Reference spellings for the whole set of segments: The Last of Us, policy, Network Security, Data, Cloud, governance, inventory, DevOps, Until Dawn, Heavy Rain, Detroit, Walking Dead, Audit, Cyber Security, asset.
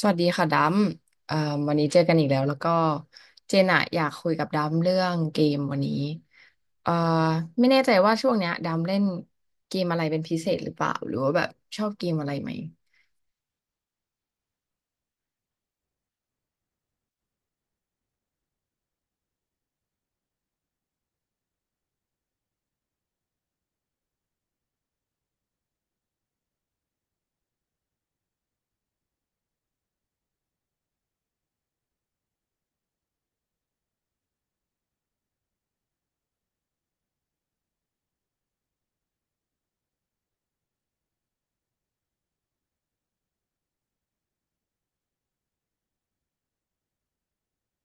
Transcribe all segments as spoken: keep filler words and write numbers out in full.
สวัสดีค่ะดัมเอ่อวันนี้เจอกันอีกแล้วแล้วก็เจนอะอยากคุยกับดัมเรื่องเกมวันนี้เอ่อไม่แน่ใจว่าช่วงเนี้ยดัมเล่นเกมอะไรเป็นพิเศษหรือเปล่าหรือว่าแบบชอบเกมอะไรไหม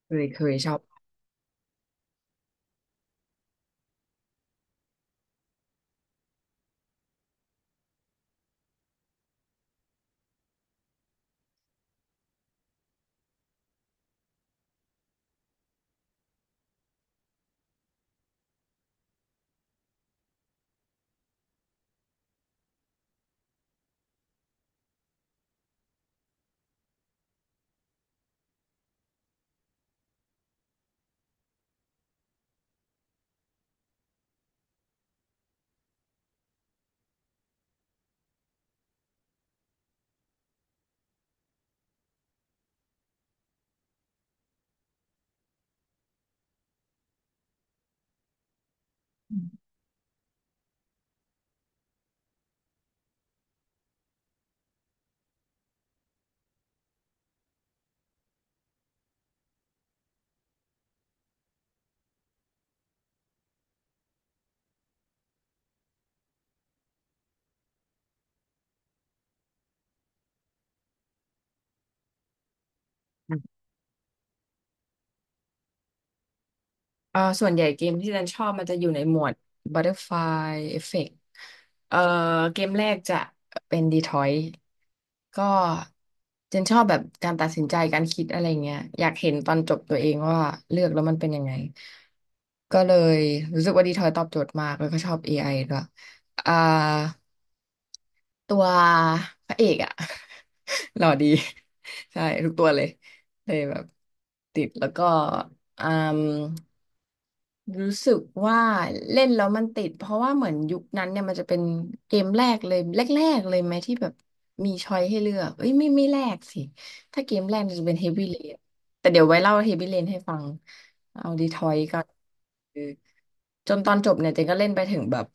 เคยเคยชอบ เอ่อส่วนใหญ่เกมที่ดันชอบมันจะอยู่ในหมวด Butterfly Effect เอ่อเกมแรกจะเป็น Detroit ก็ดันชอบแบบการตัดสินใจการคิดอะไรเงี้ยอยากเห็นตอนจบตัวเองว่าเลือกแล้วมันเป็นยังไงก็เลยรู้สึกว่า Detroit ตอบโจทย์มากแล้วก็ชอบ เอ ไอ ด้วยอ่าตัวพระเอกอะ หล่อดีใช่ทุกตัวเลยเลยแบบติดแล้วก็อืม รู้สึกว่าเล่นแล้วมันติดเพราะว่าเหมือนยุคนั้นเนี่ยมันจะเป็นเกมแรกเลยแรกๆเลยไหมที่แบบมีช้อยให้เลือกเอ้ยไม่ไม่แรกสิถ้าเกมแรกมันจะเป็น Heavy Rain แต่เดี๋ยวไว้เล่า Heavy Rain ให้ฟังเอาดีทอยก็คือจนตอนจบเนี่ยเจนก็เล่นไปถึงแบบ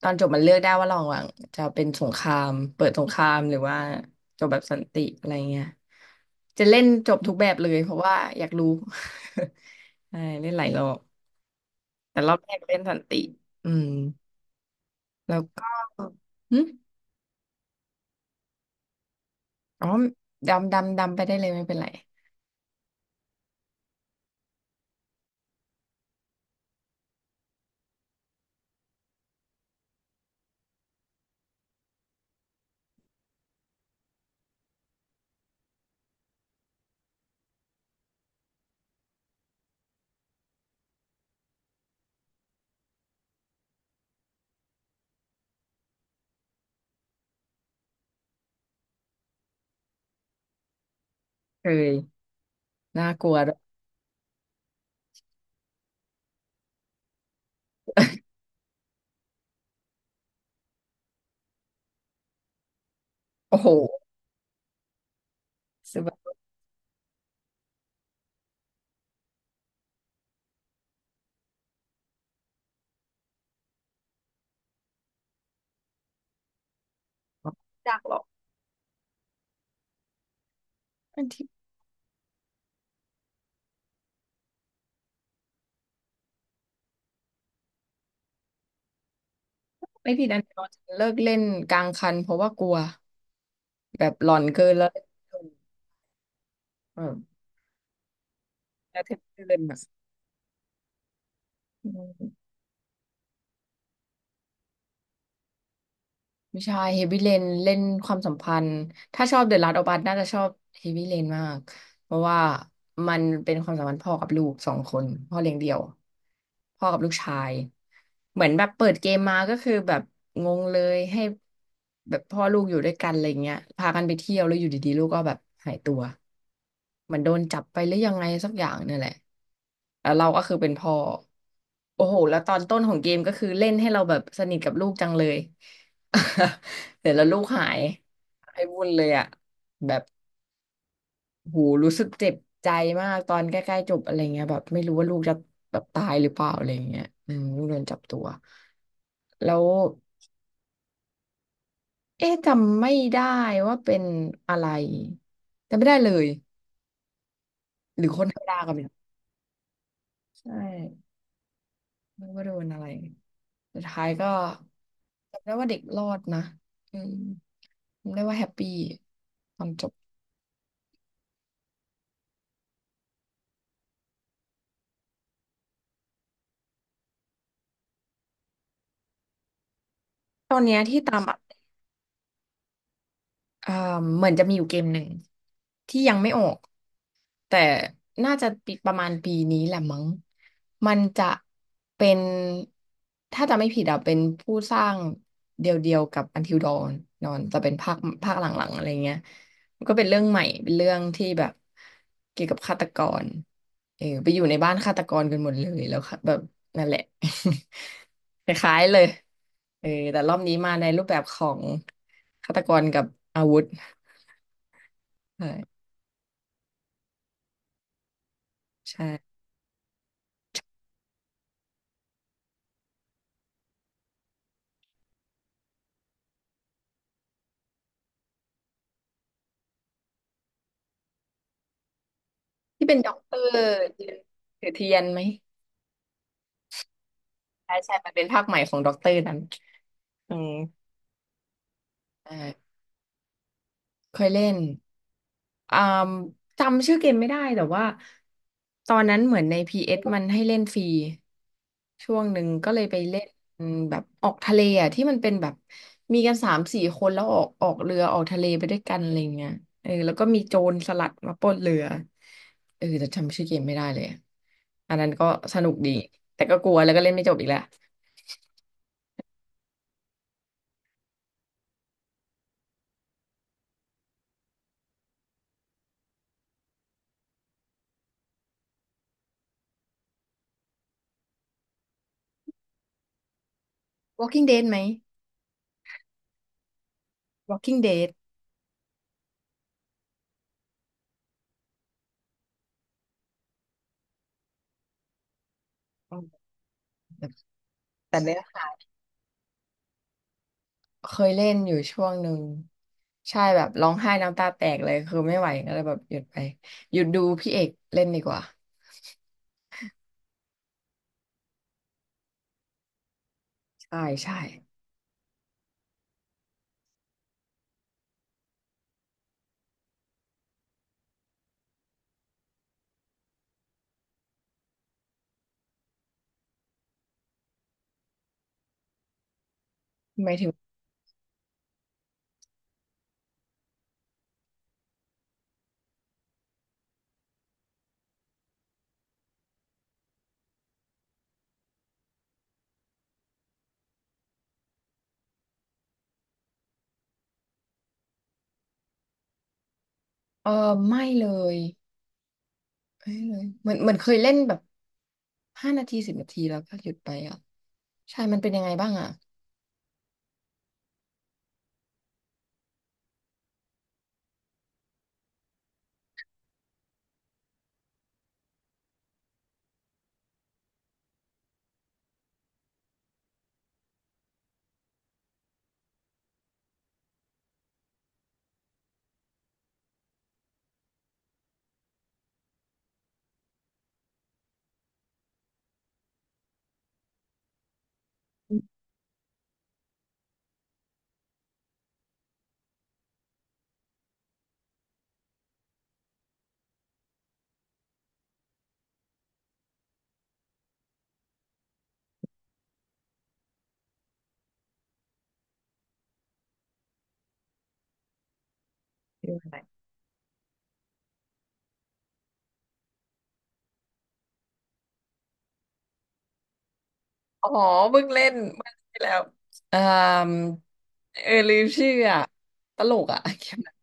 ตอนจบมันเลือกได้ว่าระหว่างจะเป็นสงครามเปิดสงครามหรือว่าจบแบบสันติอะไรเงี้ยจะเล่นจบทุกแบบเลยเพราะว่าอยากรู้ ใช่เล่นหลายรอบ แต่รอบแรกเล่นสันติ อืม แล้วก็หึอ๋อดำ ดำ ดำไปได้เลยไม่เป็นไรเคยน่ากลัวด้วยโอ้โหสบายยากหรอกอันที่ไม่ผิดอันเราจะเลิกเล่นกลางคันเพราะว่ากลัวแบบหลอนเกินแล้วแบบจะถึงเกินอ่ะอืม ไม่ใช่เฮฟวี่เลนเล่นความสัมพันธ์ถ้าชอบเดอะลาสต์ออัสน่าจะชอบเฮฟวี่เลนมากเพราะว่ามันเป็นความสัมพันธ์พ่อกับลูกสองคนพ่อเลี้ยงเดี่ยวพ่อกับลูกชายเหมือนแบบเปิดเกมมาก็คือแบบงงเลยให้แบบพ่อลูกอยู่ด้วยกันอะไรเงี้ยพากันไปเที่ยวแล้วอยู่ดีๆลูกก็แบบหายตัวเหมือนโดนจับไปหรือยังไงสักอย่างเนี่ยแหละแล้วเราก็คือเป็นพ่อโอ้โหแล้วตอนต้นของเกมก็คือเล่นให้เราแบบสนิทกับลูกจังเลย เสร็จแล้วลูกหายหายวุ่นเลยอ่ะแบบหูรู้สึกเจ็บใจมากตอนใกล้ๆจบอะไรเงี้ยแบบไม่รู้ว่าลูกจะแบบตายหรือเปล่าอะไรเงี้ยอืมลูกโดนจับตัวแล้วเอ๊ะจำไม่ได้ว่าเป็นอะไรจำไม่ได้เลยหรือคนธรรมดากันไใช่ไม่รู้ว่าโดนอะไรสุดท้ายก็จำได้ว่าเด็กรอดนะอืมจำได้ว่าแฮปปี้ตอนจบตอนเนี้ยที่ตามอะ เอ่อเหมือนจะมีอยู่เกมหนึ่งที่ยังไม่ออกแต่น่าจะปีประมาณปีนี้แหละมั้งมันจะเป็นถ้าจะไม่ผิดอะเป็นผู้สร้างเดียวๆกับ Until Dawn นอนจะเป็นภาคภาคหลังๆอะไรเงี้ยมันก็เป็นเรื่องใหม่เป็นเรื่องที่แบบเกี่ยวกับฆาตกร เออไปอยู่ในบ้านฆาตกรกันหมดเลยแล้วค่ะแบบนั่นแหละ คล้ายๆเลยเออแต่รอบนี้มาในรูปแบบของฆาตกรกับอาวุธใช่ใช่ที่เป็นด็อกเตอร์ยืนถือเทียนไหมใช่ใช่มันเป็นภาคใหม่ของด็อกเตอร์นั้นอืมเออเคยเล่นอ่าจำชื่อเกมไม่ได้แต่ว่าตอนนั้นเหมือนใน พี เอส มันให้เล่นฟรี ช่วงหนึ่งก็เลยไปเล่นแบบออกทะเลอ่ะที่มันเป็นแบบมีกันสามสี่คนแล้วออกออกเรือออกทะเลไปด้วยกันอะไรเงี้ยเออแล้วก็มีโจรสลัดมาปล้นเรือเออแต่จำชื่อเกมไม่ได้เลยอะอันนั้นก็สนุกดีแต่ก็กลัวแล้วก็เล่นไม่จบอีกแล้ว Walking Dead ไหม Walking Dead อืมแต่เนื้อหาเคยเล่นอยู่ช่วงหนึ่งใช่แบบร้องไห้น้ำตาแตกเลยคือไม่ไหวก็เลยแบบหยุดไปหยุดดูพี่เอกเล่นดีกว่าใช่ใช่หมายถึง เออไม่เลยไม่เลยเหมือนเหมือนเคยเล่นแบบห้านาทีสิบนาทีแล้วก็หยุดไปอ่ะใช่มันเป็นยังไงบ้างอ่ะเรื่องอะไรอ๋อเพิ่งเล่นเมื่อที่แล้วเอ่มเออลืมชื่ออ่ะตลกอ่ะ เกมนั้น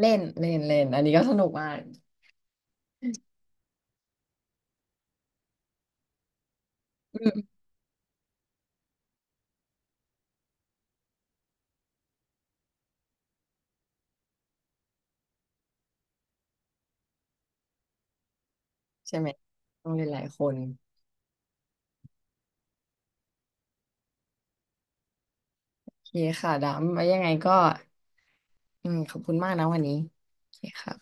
เล่นเล่นเล่นอันนี้ก็สนุกมากอืมใช่ไหมต้องเล่นหลายคนโอเคค่ะดำไว้ยังไงก็อืมขอบคุณมากนะวันนี้โอเคค่ะ